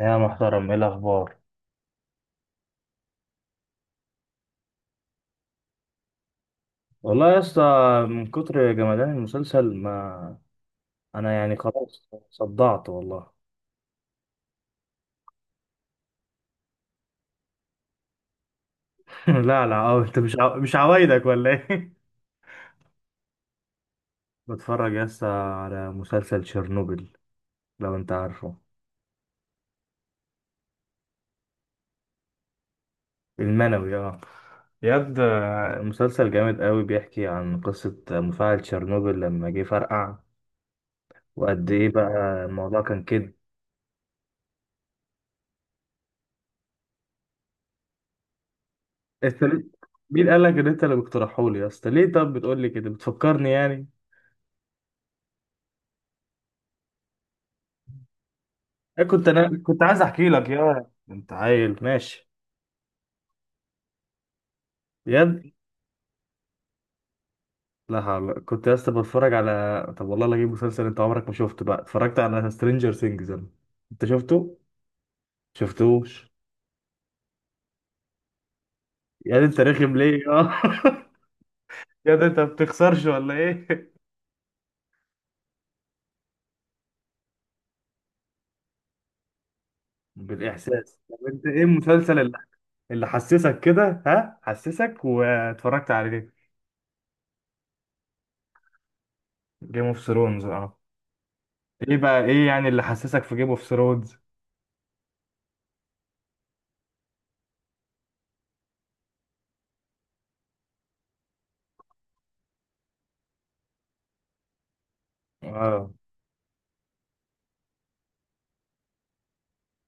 يا محترم، ايه الاخبار؟ والله يا اسطى، من كتر جمدان المسلسل، ما انا يعني خلاص صدعت والله. لا لا، أو انت مش عوايدك ولا ايه؟ بتفرج يا اسطى على مسلسل تشيرنوبل، لو انت عارفه. المنوي اه، ياد مسلسل جامد قوي، بيحكي عن قصة مفاعل تشيرنوبل لما جه فرقع. وقد ايه بقى الموضوع كان كده. انت ليه- مين قال لك ان انت اللي بتقترحه لي يا اسطى؟ ليه طب بتقول لي كده، بتفكرني يعني؟ إيه، كنت عايز احكي لك يا انت عيل ماشي؟ بجد؟ لا حول، كنت يا اسطى بتفرج على طب والله لا اجيب مسلسل انت عمرك ما شفته بقى. اتفرجت على سترينجر ثينجز انا، انت شفته؟ شفتوش؟ يا ده انت رخم ليه اه؟ يا ده انت ما بتخسرش ولا ايه؟ بالاحساس؟ طب انت ايه المسلسل اللي حسسك كده؟ ها، حسسك واتفرجت عليه. جيم اوف ثرونز اه. ايه بقى، ايه يعني اللي حسسك في جيم اوف ثرونز؟ اه.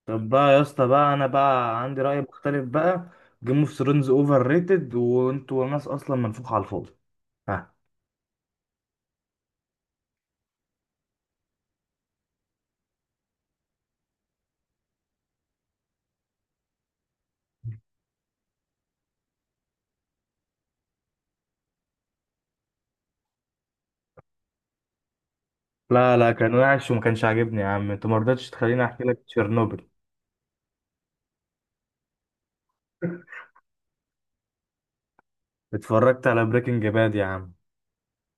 طب بقى يا اسطى، بقى انا بقى عندي رأي مختلف بقى. جيم اوف ثرونز اوفر ريتد، وانتوا ناس اصلا منفوخة على الفاضي. ها. لا لا، كان وحش وما كانش عاجبني يا عم، انت ما رضيتش تخليني احكي لك تشيرنوبل. اتفرجت على بريكنج باد يا عم،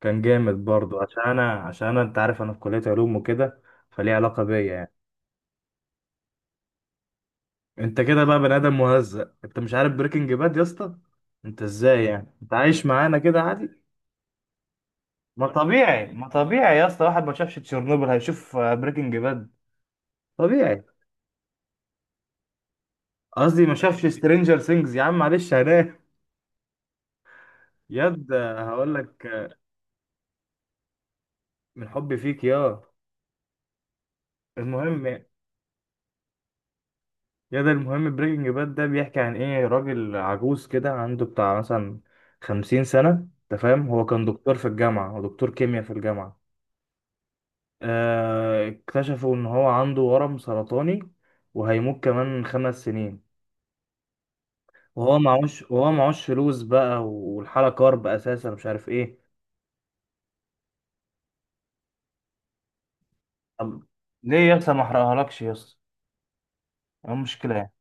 كان جامد برضو. عشان انا انت عارف انا في كلية علوم وكده، فليه علاقة بيا يعني. انت كده بقى بني ادم مهزأ، انت مش عارف بريكنج باد يا اسطى؟ انت ازاي يعني، انت عايش معانا كده عادي؟ ما طبيعي، ما طبيعي يا اسطى، واحد ما شافش تشيرنوبل هيشوف بريكنج باد. طبيعي. قصدي ما شافش سترينجر سينجز. يا عم معلش هنام. ياد هقول لك من حبي فيك يا. المهم، ياد المهم بريكنج باد ده بيحكي عن ايه. راجل عجوز كده عنده بتاع مثلا 50 سنة، انت فاهم؟ هو كان دكتور في الجامعة، ودكتور كيمياء في الجامعة. اكتشفوا ان هو عنده ورم سرطاني، وهيموت كمان 5 سنين. وهو معهوش فلوس بقى، والحالة كارب اساسا مش عارف ايه. طب ليه يا اسطى ما احرقهالكش يا اسطى؟ إيه المشكلة يعني؟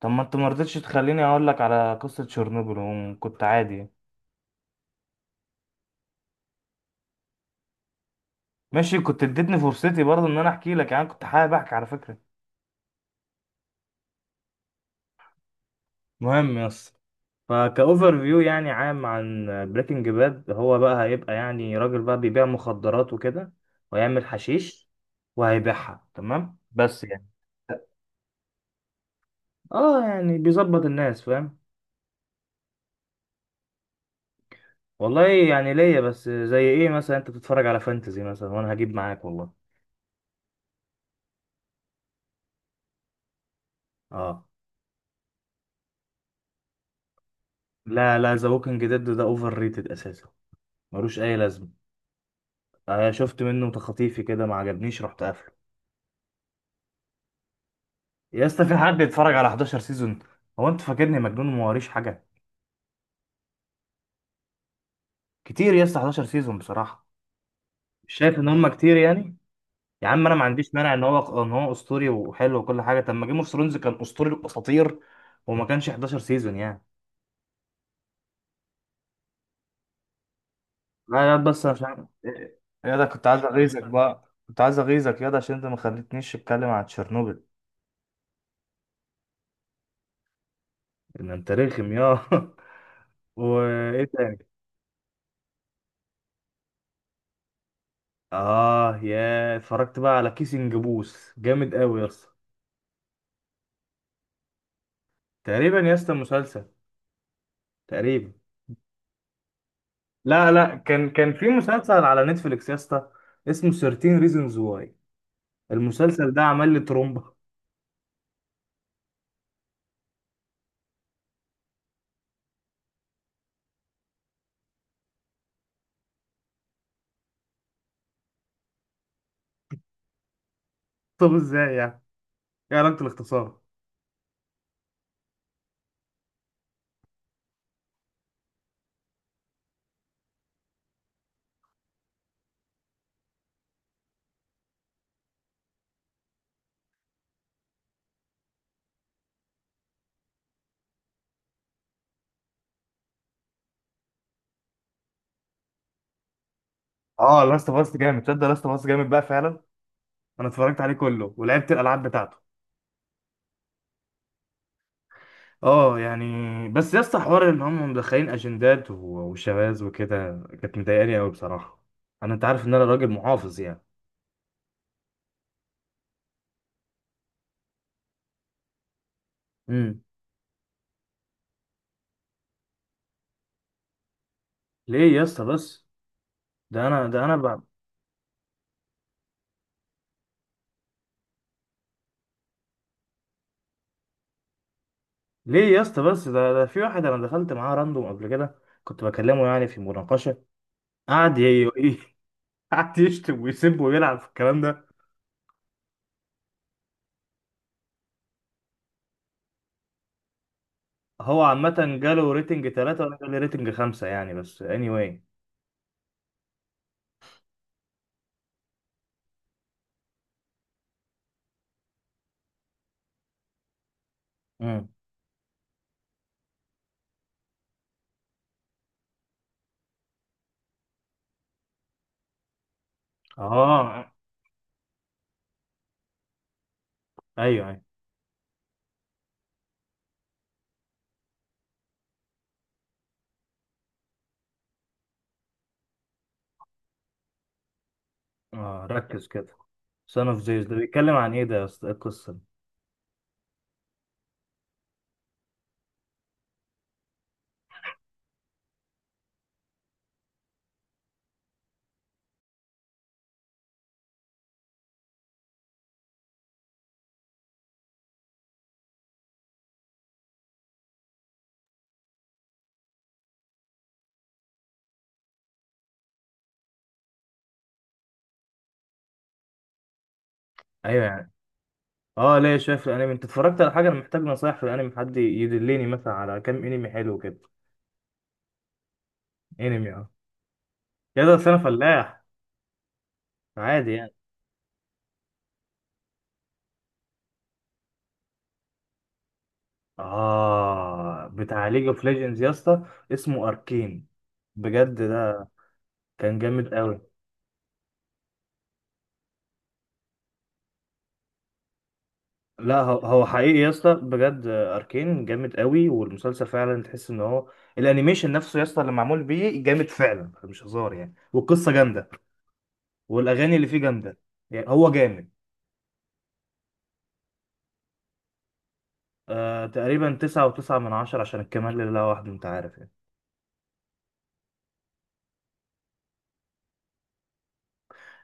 طب ما انت ما رضيتش تخليني اقول لك على قصة تشيرنوبل، وكنت عادي. ماشي، كنت اديتني فرصتي برضه ان انا احكي لك يعني. كنت حابب احكي على فكرة، مهم يا اسطى. فكأوفر فيو يعني عام عن بريكنج باد، هو بقى هيبقى يعني راجل بقى بيبيع مخدرات وكده، ويعمل حشيش وهيبيعها تمام، بس يعني. اه يعني بيظبط الناس فاهم. والله يعني ليا، بس زي ايه مثلا؟ انت بتتفرج على فانتزي مثلا وانا هجيب معاك والله. اه. لا لا، ذا ووكينج ديد ده اوفر ريتد اساسا، ملوش اي لازمه. آه شفت منه تخطيفي كده، ما عجبنيش رحت قافله. يا اسطى، في حد بيتفرج على 11 سيزون؟ هو انت فاكرني مجنون وما وريش حاجه؟ كتير يا اسطى، 11 سيزون بصراحه. مش شايف ان هم كتير يعني؟ يا عم انا ما عنديش مانع ان هو اسطوري وحلو وكل حاجه، طب ما جيم اوف ثرونز كان اسطوري الاساطير وما كانش 11 سيزون يعني. لا، يا بس انا مش عارف. إيه- يا ده، كنت عايز اغيظك بقى، كنت عايز اغيظك يا ده عشان انت ما خليتنيش اتكلم عن تشيرنوبل. ان انت رخم يا. وايه تاني؟ اه، يا اتفرجت بقى على كيسنج بوث جامد قوي يا اسطى. تقريبا يا اسطى مسلسل، تقريبا. لا لا، كان في مسلسل على نتفليكس يا اسطى، اسمه 13 ريزونز واي. المسلسل ده عمل لي ترومبا. طب ازاي يعني؟ ايه علاقة الاختصار؟ اه لاست اوف اس جامد، تصدق لاست اوف اس جامد بقى فعلا. انا اتفرجت عليه كله ولعبت الالعاب بتاعته. اه يعني. بس يا اسطى، حوار ان هم مدخلين اجندات وشواذ وكده كانت مضايقاني قوي بصراحة. انا انت عارف ان انا راجل محافظ يعني. مم. ليه يا اسطى بس، ده انا ده انا ب... ليه يا اسطى بس ده في واحد انا دخلت معاه راندوم قبل كده، كنت بكلمه يعني في مناقشه. قعد ي... ي- قعد يشتم ويسب ويلعب في الكلام ده. هو عامه جاله ريتنج 3، وانا جالي ريتنج 5 يعني، بس anyway. امم اه، ايوه ايوه. اه، ركز كده. سان اوف زيوس ده بيتكلم عن ايه ده يا اسطى؟ إيه القصه دي؟ ايوه يعني. اه ليه، شايف الانمي؟ انت اتفرجت على حاجه؟ انا محتاج نصايح في الانمي، حد يدلني مثلا على كام انمي حلو كده. انمي اه. يا ده بس انا فلاح، عادي يعني. اه بتاع ليج اوف ليجندز يا اسطى، اسمه اركين. بجد ده كان جامد قوي. لا هو هو حقيقي يا اسطى بجد، اركين جامد قوي، والمسلسل فعلا تحس ان هو الانيميشن نفسه يا اسطى اللي معمول بيه جامد فعلا مش هزار يعني، والقصه جامده، والاغاني اللي فيه جامده، يعني هو جامد. تقريبا 9.9 من 10، عشان الكمال لله وحده انت عارف يعني.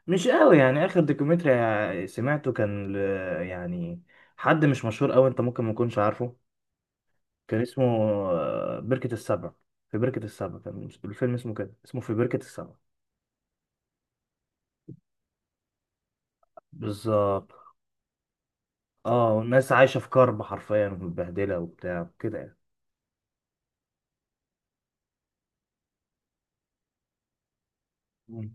مش قوي يعني. اخر دوكيومنتري سمعته كان يعني حد مش مشهور قوي، انت ممكن ما تكونش عارفه. كان اسمه بركة السبع. في بركة السبع، كان الفيلم اسمه كده، اسمه في بركة السبع. بالظبط. اه، والناس عايشة في كرب حرفيا، ومتبهدلة وبتاع كده يعني. مم.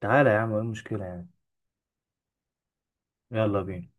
تعالى يا عم، ايه المشكلة يعني؟ يلا بينا.